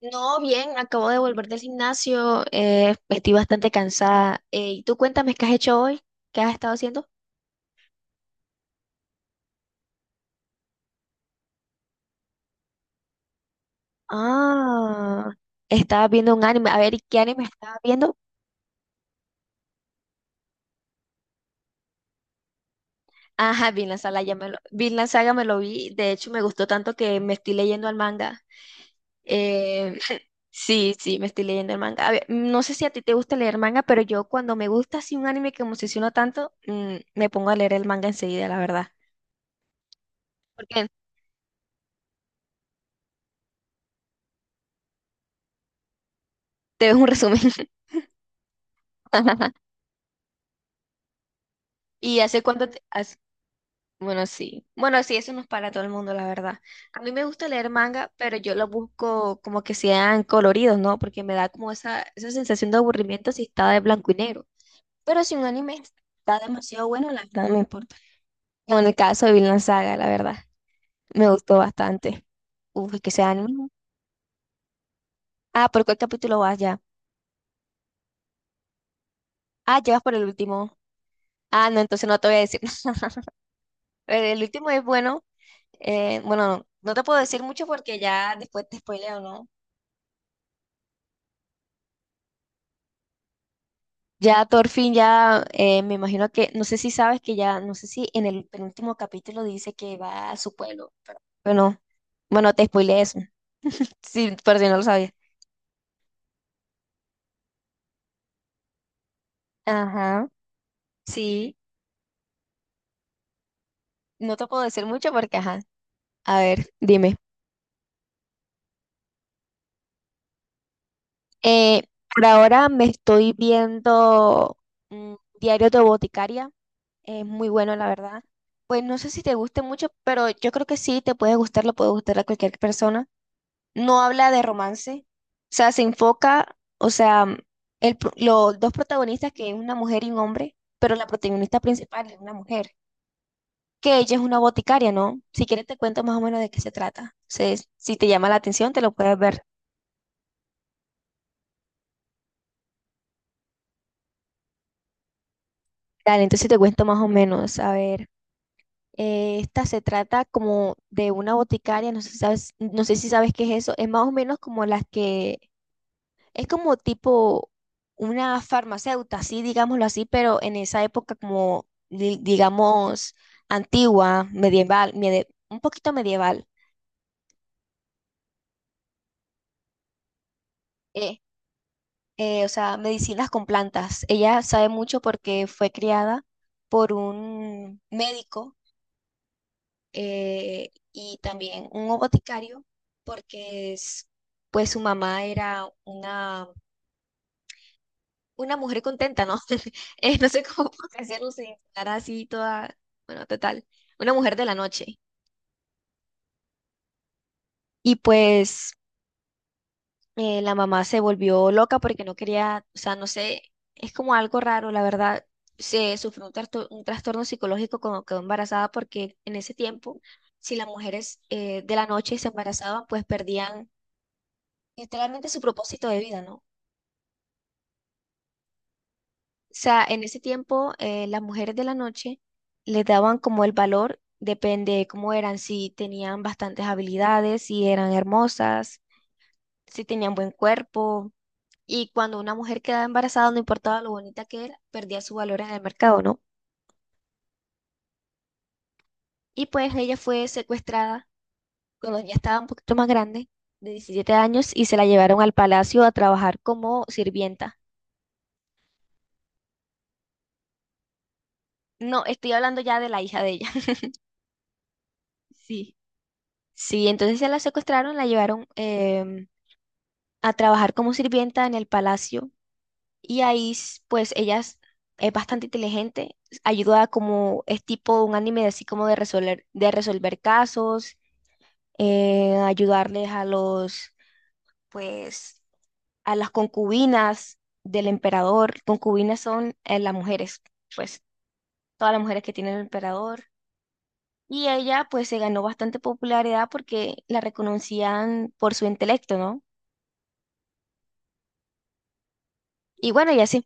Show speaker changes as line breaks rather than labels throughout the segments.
No, bien, acabo de volver del gimnasio, estoy bastante cansada. ¿Y tú cuéntame qué has hecho hoy? ¿Qué has estado haciendo? Ah, estaba viendo un anime. A ver, ¿y qué anime estaba viendo? Ajá, Vinland Saga, Vinland Saga me lo vi. De hecho, me gustó tanto que me estoy leyendo el manga. Eh, sí, sí, me estoy leyendo el manga. A ver, no sé si a ti te gusta leer manga, pero yo cuando me gusta así un anime que me obsesionó tanto, me pongo a leer el manga enseguida, la verdad. Porque te ves un resumen. ¿Y hace cuánto te- has- Bueno, sí. Bueno, sí, eso no es para todo el mundo, la verdad. A mí me gusta leer manga, pero yo lo busco como que sean coloridos, ¿no? Porque me da como esa sensación de aburrimiento si está de blanco y negro. Pero si un anime está demasiado bueno, la verdad no me importa. Como en el caso de Vinland Saga, la verdad, me gustó bastante. Uf, es que sea anime, ¿no? Ah, ¿por cuál capítulo vas ya? Ah, llevas por el último. Ah, no, entonces no te voy a decir. El último es bueno. Bueno, no te puedo decir mucho porque ya después te spoileo, ¿no? Ya, Thorfinn ya me imagino que, no sé si sabes que ya, no sé si en el penúltimo capítulo dice que va a su pueblo. Bueno, bueno, te spoileé eso, sí, por si no lo sabías. Ajá, sí, no te puedo decir mucho porque, ajá, a ver, dime. Eh, por ahora me estoy viendo mm, Diario de Boticaria, es muy bueno, la verdad. Pues no sé si te guste mucho, pero yo creo que sí, te puede gustar, le puede gustar a cualquier persona. No habla de romance, o sea, se enfoca, o sea, los dos protagonistas, que es una mujer y un hombre, pero la protagonista principal es una mujer, que ella es una boticaria, ¿no? Si quieres te cuento más o menos de qué se trata. Si te llama la atención, te lo puedes ver. Dale, entonces te cuento más o menos. A ver, esta se trata como de una boticaria, no sé si sabes, no sé si sabes qué es eso, es más o menos como las que es como tipo una farmacéutica, sí, digámoslo así, pero en esa época como, digamos, antigua, medieval, un poquito medieval. eh, o sea, medicinas con plantas. Ella sabe mucho porque fue criada por un médico, y también un boticario, porque pues su mamá era una mujer contenta, ¿no? No sé cómo hacerlo sin estar así toda, bueno, total, una mujer de la noche. Y pues la mamá se volvió loca porque no quería, o sea, no sé, es como algo raro, la verdad. Se sufrió un, un trastorno psicológico cuando quedó embarazada porque en ese tiempo, si las mujeres de la noche se embarazaban, pues perdían literalmente su propósito de vida, ¿no? O sea, en ese tiempo las mujeres de la noche les daban como el valor, depende de cómo eran, si tenían bastantes habilidades, si eran hermosas, si tenían buen cuerpo. Y cuando una mujer quedaba embarazada, no importaba lo bonita que era, perdía su valor en el mercado, ¿no? Y pues ella fue secuestrada cuando ya estaba un poquito más grande, de 17 años, y se la llevaron al palacio a trabajar como sirvienta. No, estoy hablando ya de la hija de ella. Sí. Sí, entonces se la secuestraron, la llevaron a trabajar como sirvienta en el palacio y ahí pues ella es, bastante inteligente, ayuda a como es tipo un anime así como de resolver casos, ayudarles a los pues a las concubinas del emperador. Concubinas son las mujeres, pues todas las mujeres que tiene el emperador. Y ella pues se ganó bastante popularidad porque la reconocían por su intelecto, ¿no? Y bueno, ella se.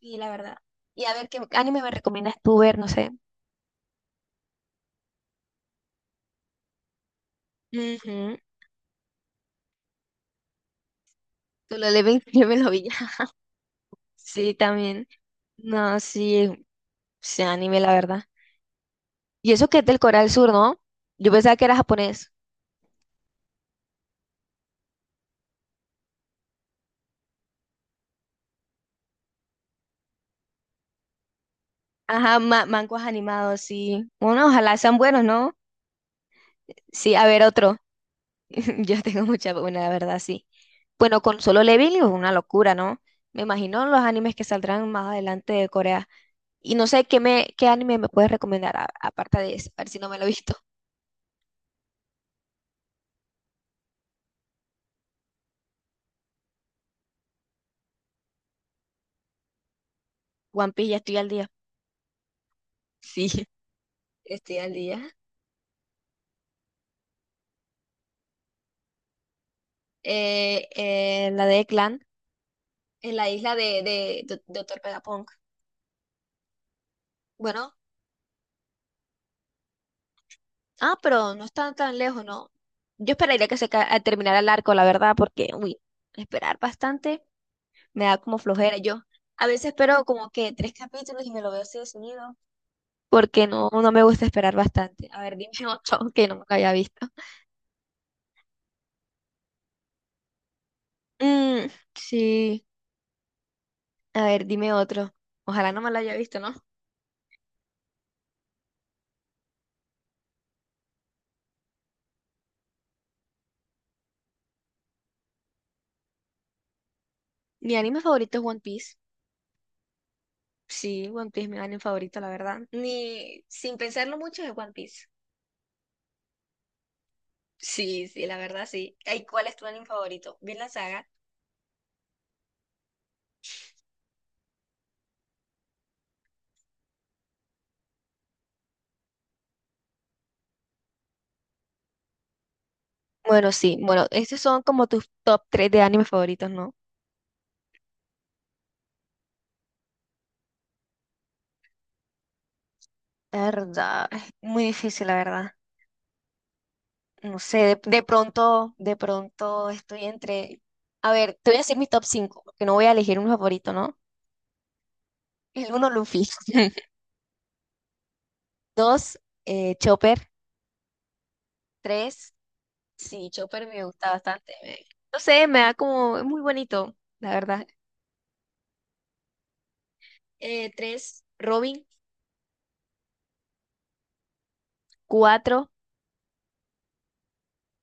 Sí, la verdad. Y a ver, ¿qué anime me recomiendas tú ver? No sé. Ujú. Tú lo lees, yo me lo vi ya. Sí, también. No, sí, sí, anime, la verdad. Y eso que es del Corea del Sur, ¿no? Yo pensaba que era japonés. Ajá, mangos animados, sí. Bueno, ojalá sean buenos, ¿no? Sí, a ver, otro. Yo tengo mucha, buena, la verdad, sí. Bueno, con Solo Leveling es una locura, ¿no? Me imagino los animes que saldrán más adelante de Corea. Y no sé qué anime me puedes recomendar aparte de eso, a ver si no me lo he visto. One Piece, ya estoy al día. Sí, estoy al día. La de Clan, en la isla de Doctor Vegapunk. Bueno, ah, pero no está tan lejos, ¿no? Yo esperaría que terminara el arco, la verdad, porque, uy, esperar bastante me da como flojera. Yo a veces espero como que tres capítulos y me lo veo así de seguido, porque no me gusta esperar bastante. A ver, dime otro que no me lo haya visto. Mm, sí, a ver, dime otro. Ojalá no me lo haya visto, ¿no? Mi anime favorito es One Piece. Sí, One Piece mi anime favorito, la verdad. Ni sin pensarlo mucho es One Piece. Sí, sí, la verdad sí. ¿Y cuál es tu anime favorito? ¿Bien la saga? Bueno, sí, bueno, estos son como tus top 3 de animes favoritos, ¿no? La verdad, es muy difícil, la verdad. No sé, de pronto estoy entre... A ver, te voy a decir mis top 5 porque no voy a elegir un favorito, ¿no? El 1, Luffy. 2, Chopper. 3. Sí, Chopper me gusta bastante. Me- no sé, me da como, es muy bonito, la verdad. Tres, Robin. Cuatro,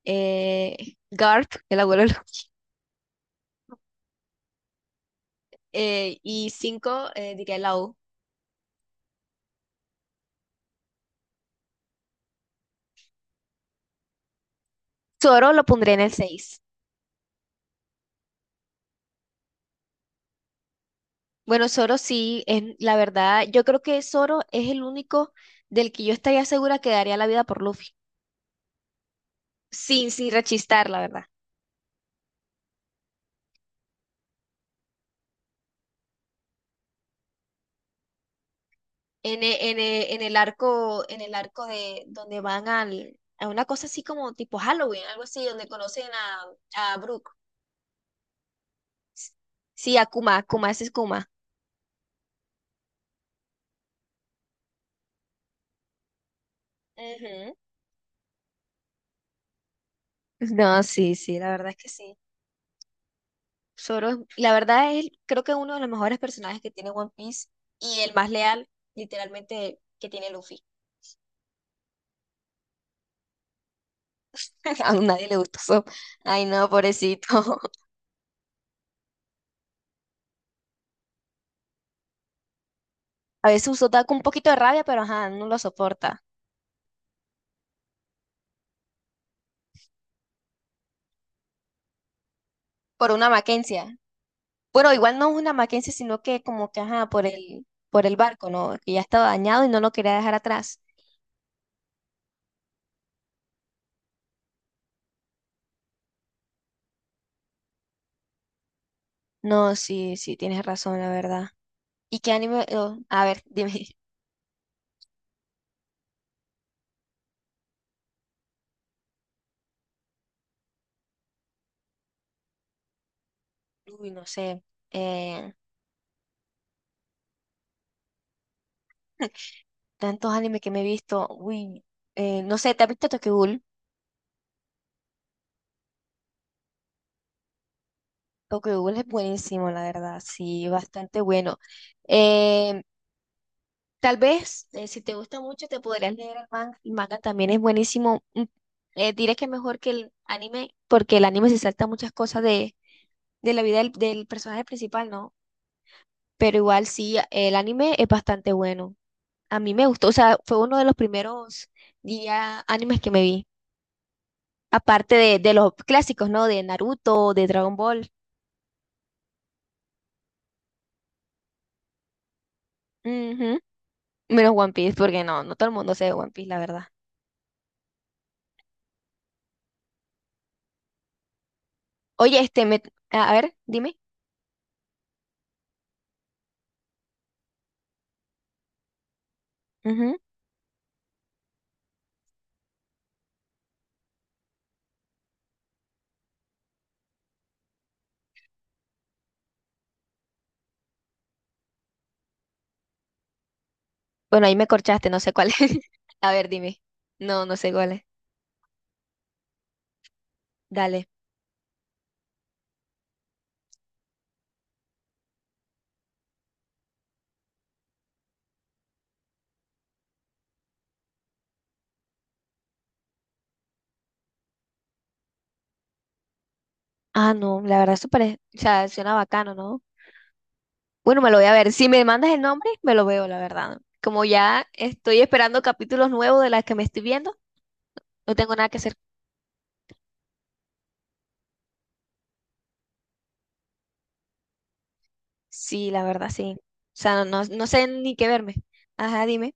Garp, el abuelo de los- y cinco, diría Lau. Zoro lo pondré en el seis. Bueno, Zoro sí, es, la verdad, yo creo que Zoro es el único del que yo estaría segura que daría la vida por Luffy. Sin rechistar, la verdad. En el arco, en el arco, de donde van a una cosa así como tipo Halloween, algo así, donde conocen a Brooke. S- Sí, a Kuma, Kuma, ese es Kuma. Ujú. No, sí, sí, la verdad es que sí. Zoro, la verdad es, creo que uno de los mejores personajes que tiene One Piece y el más leal, literalmente, que tiene Luffy. A nadie le gusta Zoro. Ay, no, pobrecito. A veces usó da con un poquito de rabia, pero ajá, no lo soporta. Por una Mackenzie. Bueno, igual no es una Mackenzie, sino que como que, ajá, por el barco, ¿no? Que ya estaba dañado y no lo quería dejar atrás. No, sí, sí, tienes razón, la verdad. ¿Y qué anime? Oh, a ver, dime. Uy, no sé. Eh, tantos animes que me he visto. Uy, no sé, ¿te has visto Tokyo Ghoul? Tokyo Ghoul es buenísimo, la verdad. Sí, bastante bueno. Eh, tal vez, si te gusta mucho, te podrías leer el manga. El manga también es buenísimo. Diré que mejor que el anime, porque el anime se salta muchas cosas de la vida del, del personaje principal, ¿no? Pero igual sí, el anime es bastante bueno. A mí me gustó, o sea, fue uno de los primeros días animes que me vi. Aparte de los clásicos, ¿no? De Naruto, de Dragon Ball. Ujú. Menos One Piece, porque no todo el mundo sabe One Piece, la verdad. Oye, este, a ver, dime. Bueno, ahí me corchaste, no sé cuál es. A ver, dime. No, no sé cuál es. Dale. Ah, no, la verdad, súper. O sea, suena bacano, ¿no? Bueno, me lo voy a ver. Si me mandas el nombre, me lo veo, la verdad. Como ya estoy esperando capítulos nuevos de las que me estoy viendo, no tengo nada que hacer. Sí, la verdad, sí. O sea, no sé ni qué verme. Ajá, dime.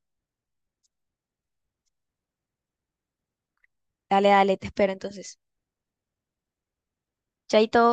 Dale, dale, te espero entonces. Chaito.